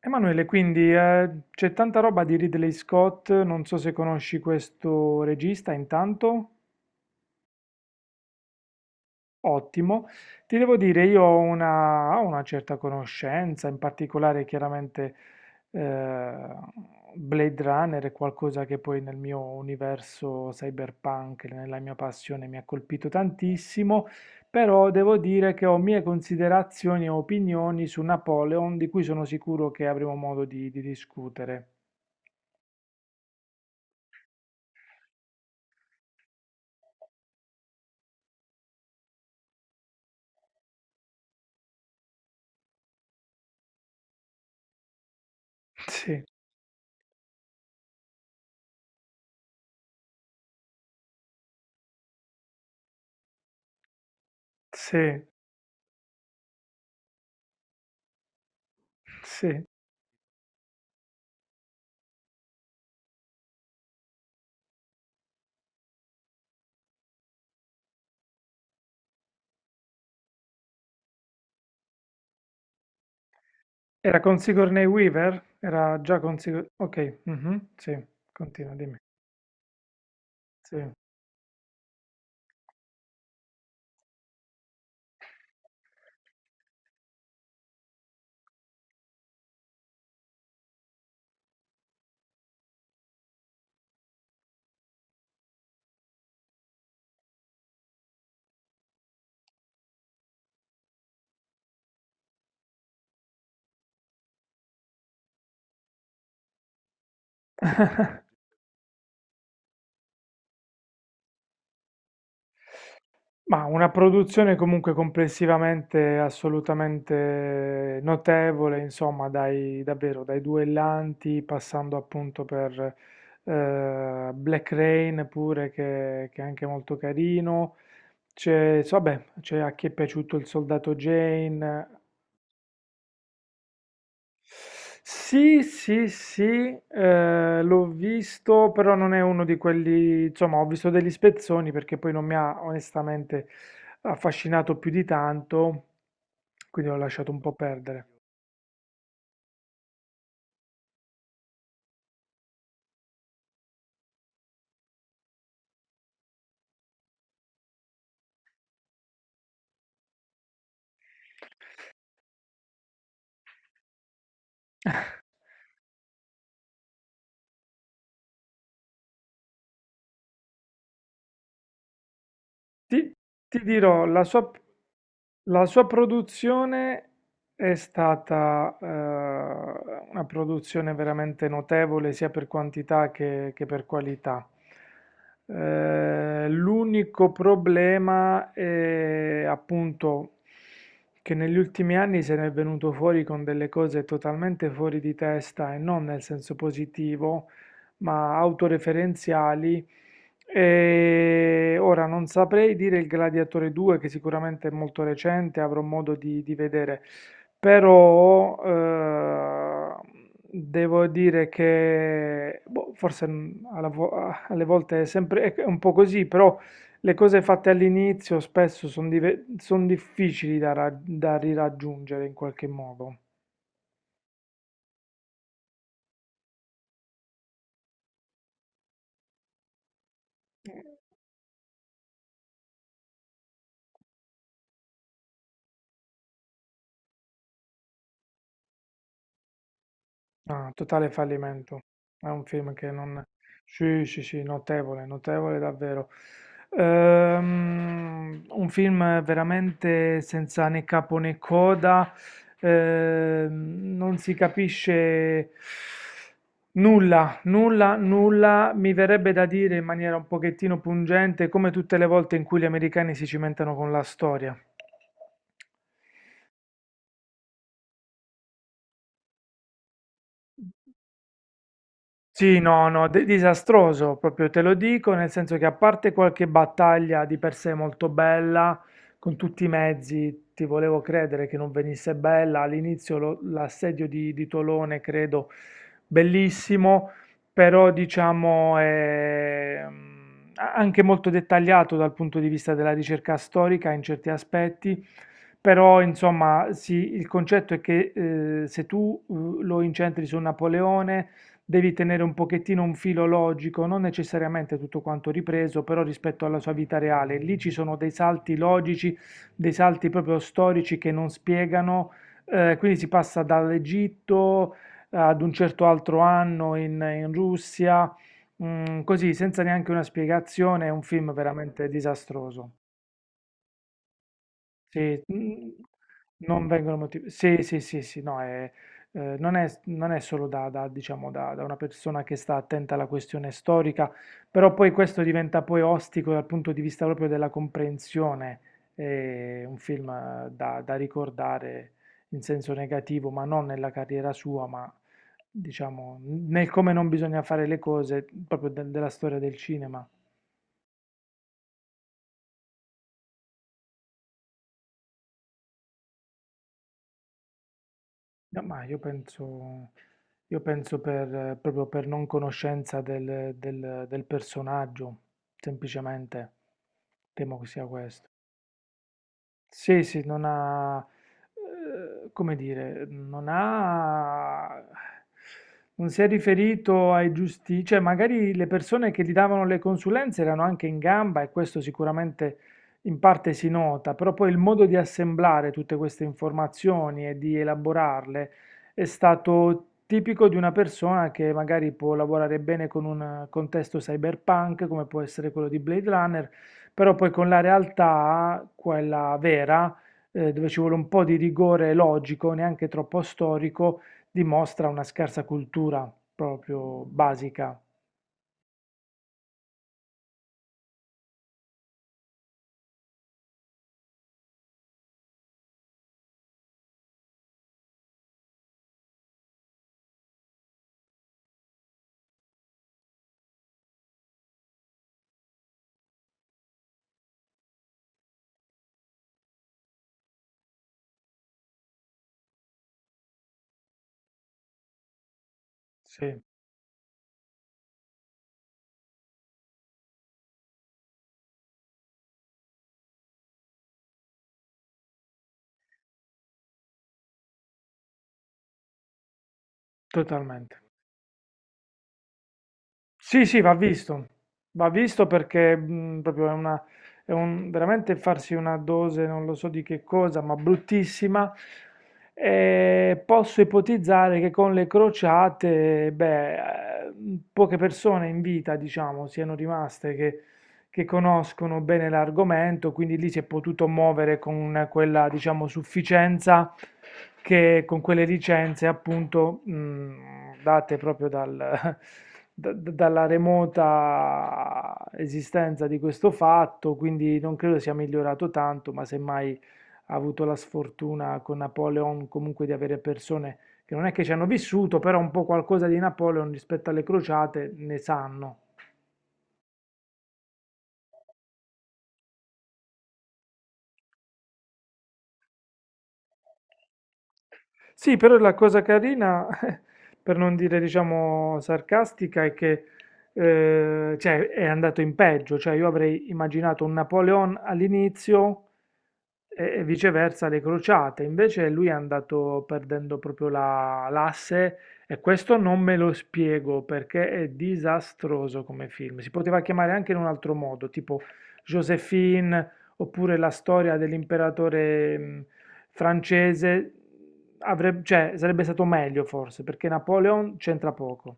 Emanuele, quindi c'è tanta roba di Ridley Scott, non so se conosci questo regista intanto. Ottimo. Ti devo dire, io ho una certa conoscenza, in particolare chiaramente eh, Blade Runner è qualcosa che poi nel mio universo cyberpunk, nella mia passione mi ha colpito tantissimo, però devo dire che ho mie considerazioni e opinioni su Napoleon di cui sono sicuro che avremo modo di discutere. Sì. Sì, sì. Era con Sigourney Weaver? Era già con Sigourney. Ok, mhm, sì, continua, dimmi. Sì. Ma una produzione comunque complessivamente assolutamente notevole, insomma, dai, davvero, dai duellanti, passando appunto per Black Rain pure, che è anche molto carino. Vabbè, c'è a chi è piaciuto il soldato Jane. Sì, sì, sì, l'ho visto, però non è uno di quelli, insomma, ho visto degli spezzoni perché poi non mi ha onestamente affascinato più di tanto, quindi ho lasciato un po' perdere. Ti, ti dirò, la sua produzione è stata una produzione veramente notevole sia per quantità che per qualità. L'unico problema è appunto che negli ultimi anni se ne è venuto fuori con delle cose totalmente fuori di testa e non nel senso positivo, ma autoreferenziali. E ora non saprei dire il Gladiatore 2, che sicuramente è molto recente, avrò modo di vedere, però devo dire che boh, forse alle volte è sempre è un po' così, però le cose fatte all'inizio spesso sono difficili da, da riraggiungere in qualche modo. Ah, totale fallimento. È un film che non. Sì, sì, sì, notevole, notevole davvero. Un film veramente senza né capo né coda. Non si capisce nulla, nulla, nulla. Mi verrebbe da dire in maniera un pochettino pungente, come tutte le volte in cui gli americani si cimentano con la storia. Sì, no, no, disastroso, proprio te lo dico, nel senso che a parte qualche battaglia di per sé molto bella, con tutti i mezzi, ti volevo credere che non venisse bella, all'inizio l'assedio di Tolone, credo, bellissimo, però diciamo è anche molto dettagliato dal punto di vista della ricerca storica in certi aspetti, però insomma sì, il concetto è che se tu lo incentri su Napoleone devi tenere un pochettino un filo logico, non necessariamente tutto quanto ripreso, però rispetto alla sua vita reale. Lì ci sono dei salti logici, dei salti proprio storici che non spiegano, quindi si passa dall'Egitto ad un certo altro anno in Russia, così senza neanche una spiegazione, è un film veramente disastroso. Sì, non vengono motivati. Sì, sì, sì, sì, no, non è, solo da, diciamo, da una persona che sta attenta alla questione storica, però poi questo diventa poi ostico dal punto di vista proprio della comprensione. È un film da ricordare in senso negativo, ma non nella carriera sua, ma diciamo nel come non bisogna fare le cose, proprio della storia del cinema. No, ma io penso proprio per non conoscenza del personaggio, semplicemente temo che sia questo. Sì, sì, non ha, come dire, non ha non si è riferito ai giusti, cioè magari le persone che gli davano le consulenze erano anche in gamba e questo sicuramente in parte si nota, però poi il modo di assemblare tutte queste informazioni e di elaborarle è stato tipico di una persona che magari può lavorare bene con un contesto cyberpunk, come può essere quello di Blade Runner, però poi con la realtà, quella vera, dove ci vuole un po' di rigore logico, neanche troppo storico, dimostra una scarsa cultura proprio basica. Sì, totalmente. Sì, sì, va visto perché proprio è una, è un, veramente farsi una dose, non lo so di che cosa, ma bruttissima. E posso ipotizzare che con le crociate, beh, eh, poche persone in vita, diciamo, siano rimaste che conoscono bene l'argomento, quindi lì si è potuto muovere con quella, diciamo, sufficienza, che con quelle licenze appunto date proprio dalla remota esistenza di questo fatto, quindi non credo sia migliorato tanto, ma semmai ha avuto la sfortuna con Napoleon comunque di avere persone che non è che ci hanno vissuto, però un po' qualcosa di Napoleon rispetto alle crociate ne sanno. Sì, però la cosa carina, per non dire, diciamo, sarcastica, è che cioè, è andato in peggio. Cioè, io avrei immaginato un Napoleon all'inizio e, viceversa le crociate. Invece lui è andato perdendo proprio l'asse, e questo non me lo spiego perché è disastroso come film. Si poteva chiamare anche in un altro modo, tipo Josephine oppure la storia dell'imperatore francese, avrebbe, cioè, sarebbe stato meglio forse, perché Napoleon c'entra poco.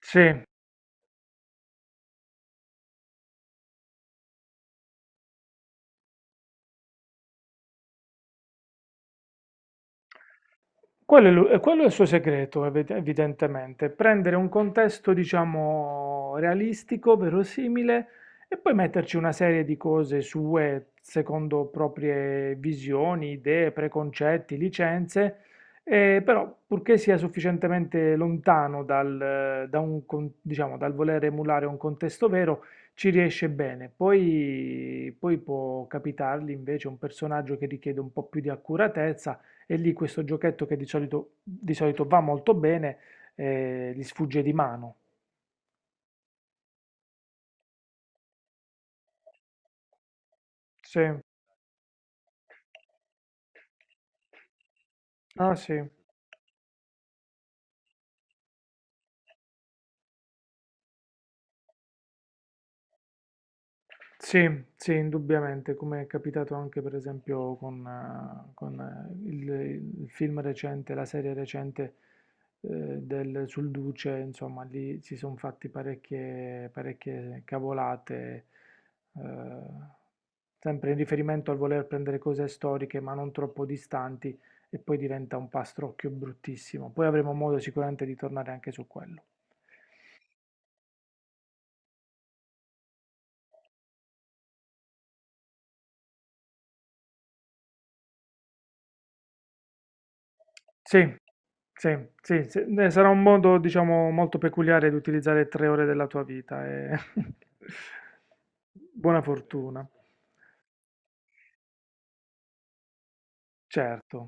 Sì, quello è, e quello è il suo segreto, evidentemente, prendere un contesto, diciamo, realistico, verosimile, e poi metterci una serie di cose sue, secondo proprie visioni, idee, preconcetti, licenze, però purché sia sufficientemente lontano dal, da un diciamo, dal voler emulare un contesto vero, ci riesce bene. Poi, poi può capitargli invece un personaggio che richiede un po' più di accuratezza e lì questo giochetto che di solito va molto bene, gli sfugge di mano. Sì, ah sì. Sì, sì, indubbiamente, come è capitato anche per esempio con, il film recente, la serie recente sul Duce, insomma, lì si sono fatti parecchie, parecchie cavolate, eh, sempre in riferimento al voler prendere cose storiche ma non troppo distanti, e poi diventa un pastrocchio bruttissimo. Poi avremo modo sicuramente di tornare anche su quello. Sì, sì, sì, sì. Sarà un modo, diciamo, molto peculiare di utilizzare 3 ore della tua vita e buona fortuna, certo.